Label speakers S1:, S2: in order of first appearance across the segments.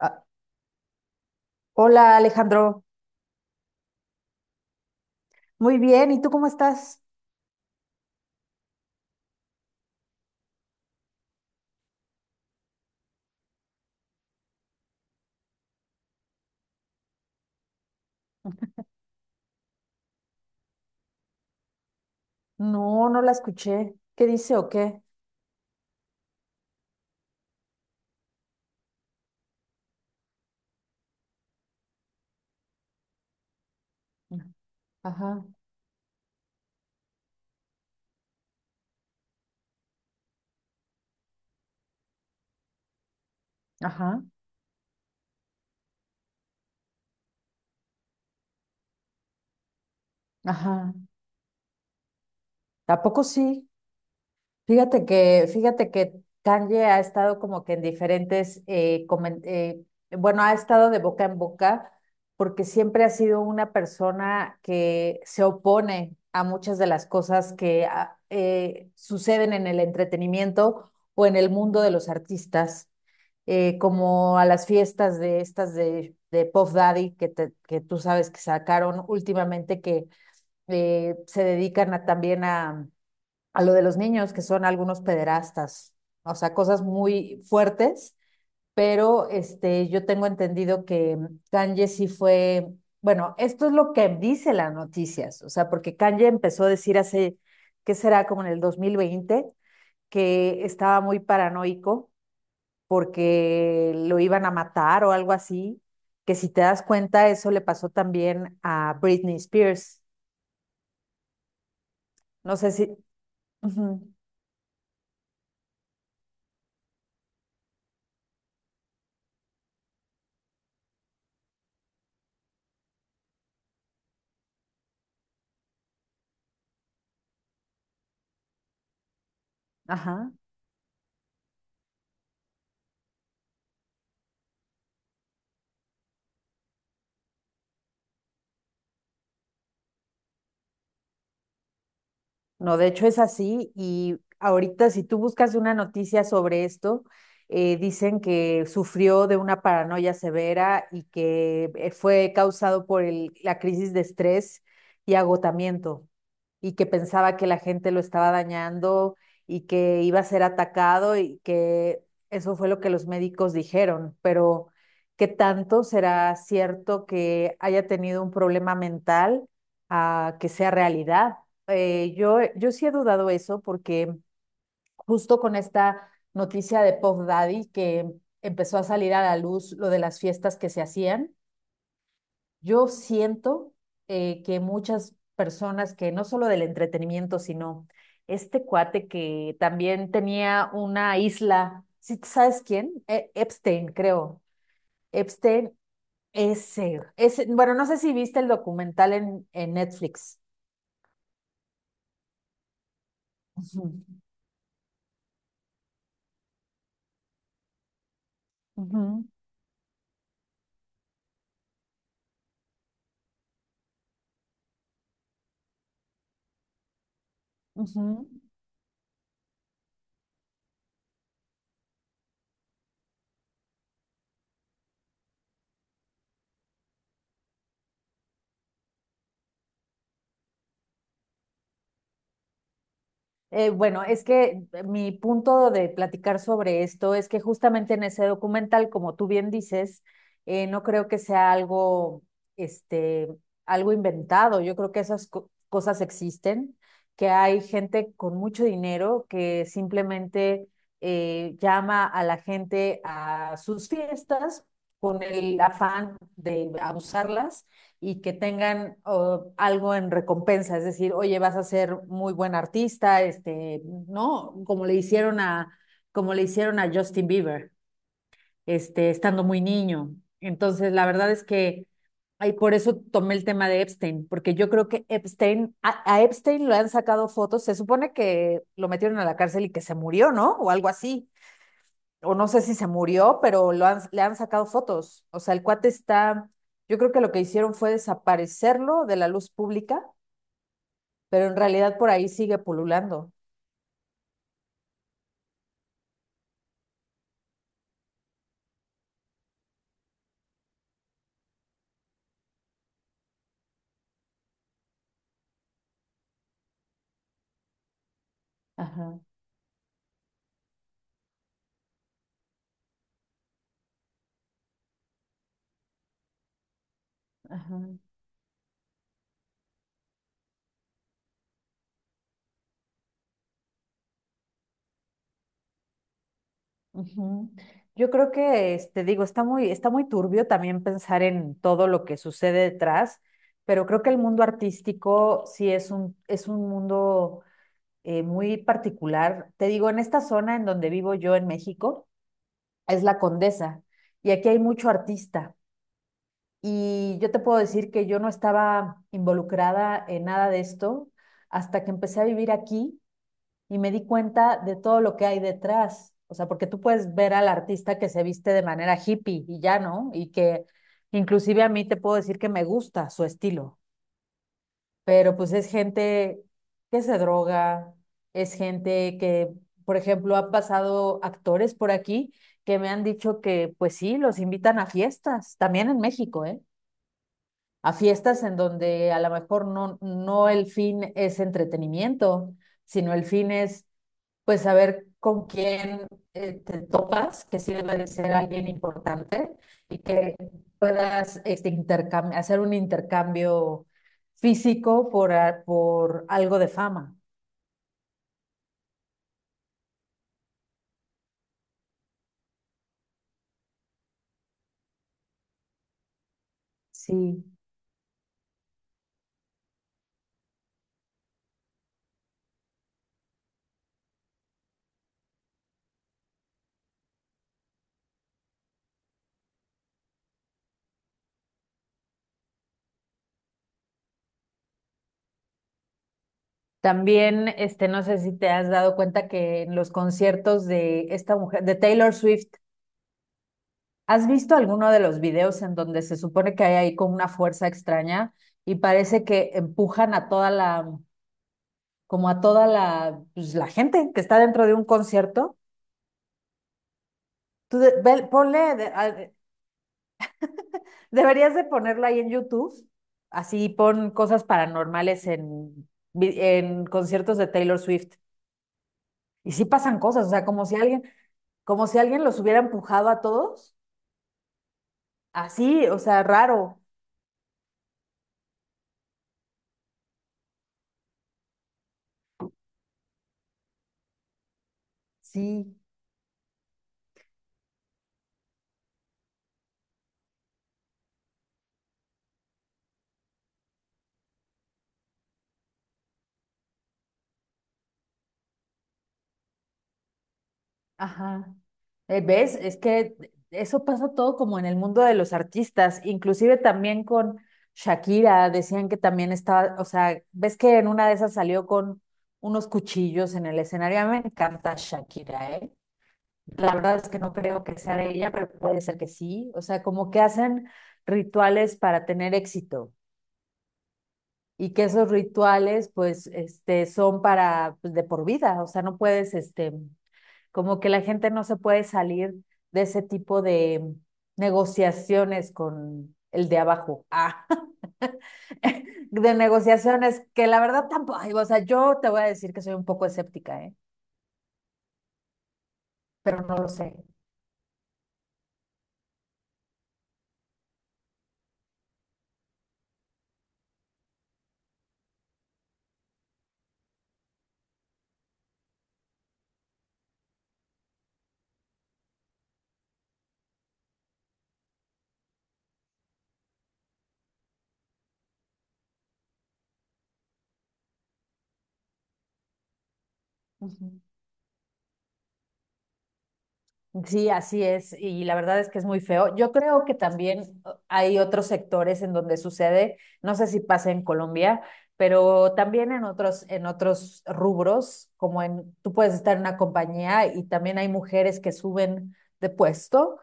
S1: Ah, hola Alejandro, muy bien, ¿y tú cómo estás? No, no la escuché. ¿Qué dice o qué? Ajá, ajá, ajá. ¿A poco sí? Fíjate que Kanye ha estado como que en diferentes, bueno, ha estado de boca en boca porque siempre ha sido una persona que se opone a muchas de las cosas que suceden en el entretenimiento o en el mundo de los artistas, como a las fiestas de estas de Puff Daddy que, que tú sabes que sacaron últimamente que se dedican también a lo de los niños, que son algunos pederastas, o sea, cosas muy fuertes, pero este, yo tengo entendido que Kanye sí fue, bueno, esto es lo que dice las noticias, o sea, porque Kanye empezó a decir hace, ¿qué será? Como en el 2020, que estaba muy paranoico porque lo iban a matar o algo así, que si te das cuenta, eso le pasó también a Britney Spears. No sé si... Ujú, ajá. No, de hecho es así y ahorita si tú buscas una noticia sobre esto, dicen que sufrió de una paranoia severa y que fue causado por la crisis de estrés y agotamiento y que pensaba que la gente lo estaba dañando y que iba a ser atacado y que eso fue lo que los médicos dijeron, pero ¿qué tanto será cierto que haya tenido un problema mental a que sea realidad? Yo sí he dudado eso porque justo con esta noticia de Puff Daddy que empezó a salir a la luz lo de las fiestas que se hacían, yo siento que muchas personas que no solo del entretenimiento, sino este cuate que también tenía una isla, ¿sí sabes quién? Epstein, creo. Epstein, ese, bueno, no sé si viste el documental en Netflix. Ujú, ujú, ujú. Bueno, es que mi punto de platicar sobre esto es que justamente en ese documental, como tú bien dices, no creo que sea algo, este, algo inventado. Yo creo que esas cosas existen, que hay gente con mucho dinero que simplemente llama a la gente a sus fiestas con el afán de abusarlas y que tengan oh, algo en recompensa, es decir, oye, vas a ser muy buen artista, este, ¿no? Como le hicieron a Justin Bieber, este, estando muy niño. Entonces, la verdad es que, ay, por eso tomé el tema de Epstein, porque yo creo que a Epstein lo han sacado fotos, se supone que lo metieron a la cárcel y que se murió, ¿no? O algo así, o no sé si se murió, pero le han sacado fotos. O sea, el cuate está, yo creo que lo que hicieron fue desaparecerlo de la luz pública, pero en realidad por ahí sigue pululando. Ajá, ajá, ujú. Yo creo que, este, digo, está muy turbio también pensar en todo lo que sucede detrás, pero creo que el mundo artístico sí es es un mundo muy particular. Te digo, en esta zona en donde vivo yo en México, es la Condesa, y aquí hay mucho artista. Y yo te puedo decir que yo no estaba involucrada en nada de esto hasta que empecé a vivir aquí y me di cuenta de todo lo que hay detrás. O sea, porque tú puedes ver al artista que se viste de manera hippie y ya, ¿no? Y que inclusive a mí te puedo decir que me gusta su estilo, pero pues es gente que se droga, es gente que, por ejemplo, han pasado actores por aquí que me han dicho que, pues sí, los invitan a fiestas, también en México, ¿eh? A fiestas en donde a lo mejor no, no el fin es entretenimiento, sino el fin es pues saber con quién te topas, que sí debe de ser alguien importante y que puedas este, hacer un intercambio físico por, por algo de fama. Sí. También, este, no sé si te has dado cuenta que en los conciertos de esta mujer, de Taylor Swift, ¿has visto alguno de los videos en donde se supone que hay ahí como una fuerza extraña y parece que empujan a toda la, como a toda la, pues, la gente que está dentro de un concierto? Tú de- ve- ponle, de- a- deberías de ponerlo ahí en YouTube, así pon cosas paranormales en, en conciertos de Taylor Swift. Y sí pasan cosas, o sea, como si alguien los hubiera empujado a todos, así, o sea, raro, sí. Ajá. ¿Ves? Es que eso pasa todo como en el mundo de los artistas, inclusive también con Shakira, decían que también estaba, o sea, ves que en una de esas salió con unos cuchillos en el escenario. A mí me encanta Shakira, ¿eh? La verdad es que no creo que sea de ella, pero puede ser que sí. O sea, como que hacen rituales para tener éxito y que esos rituales, pues, este, son para, pues, de por vida. O sea, no puedes, este, como que la gente no se puede salir de ese tipo de negociaciones con el de abajo. Ah, de negociaciones que la verdad tampoco, ay, o sea, yo te voy a decir que soy un poco escéptica, ¿eh? Pero no lo sé. Ujú. Sí, así es, y la verdad es que es muy feo. Yo creo que también hay otros sectores en donde sucede, no sé si pasa en Colombia, pero también en otros rubros, como en, tú puedes estar en una compañía y también hay mujeres que suben de puesto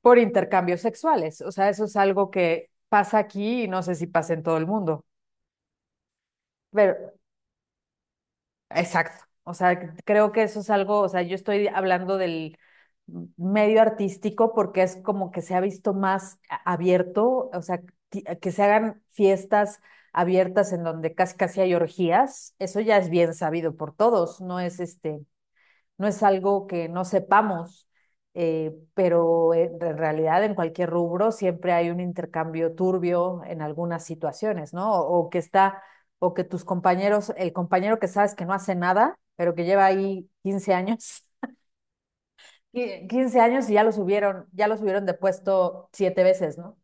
S1: por intercambios sexuales. O sea, eso es algo que pasa aquí y no sé si pasa en todo el mundo. Pero exacto. O sea, creo que eso es algo, o sea, yo estoy hablando del medio artístico porque es como que se ha visto más abierto, o sea, que se hagan fiestas abiertas en donde casi casi hay orgías, eso ya es bien sabido por todos, no es este, no es algo que no sepamos, pero en realidad en cualquier rubro siempre hay un intercambio turbio en algunas situaciones, ¿no? O que está, o que tus compañeros, el compañero que sabes que no hace nada, pero que lleva ahí 15 años, 15 años y ya lo subieron de puesto 7 veces, ¿no?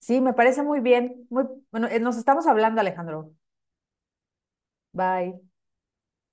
S1: Sí, me parece muy bien. Muy, bueno, nos estamos hablando, Alejandro. Bye.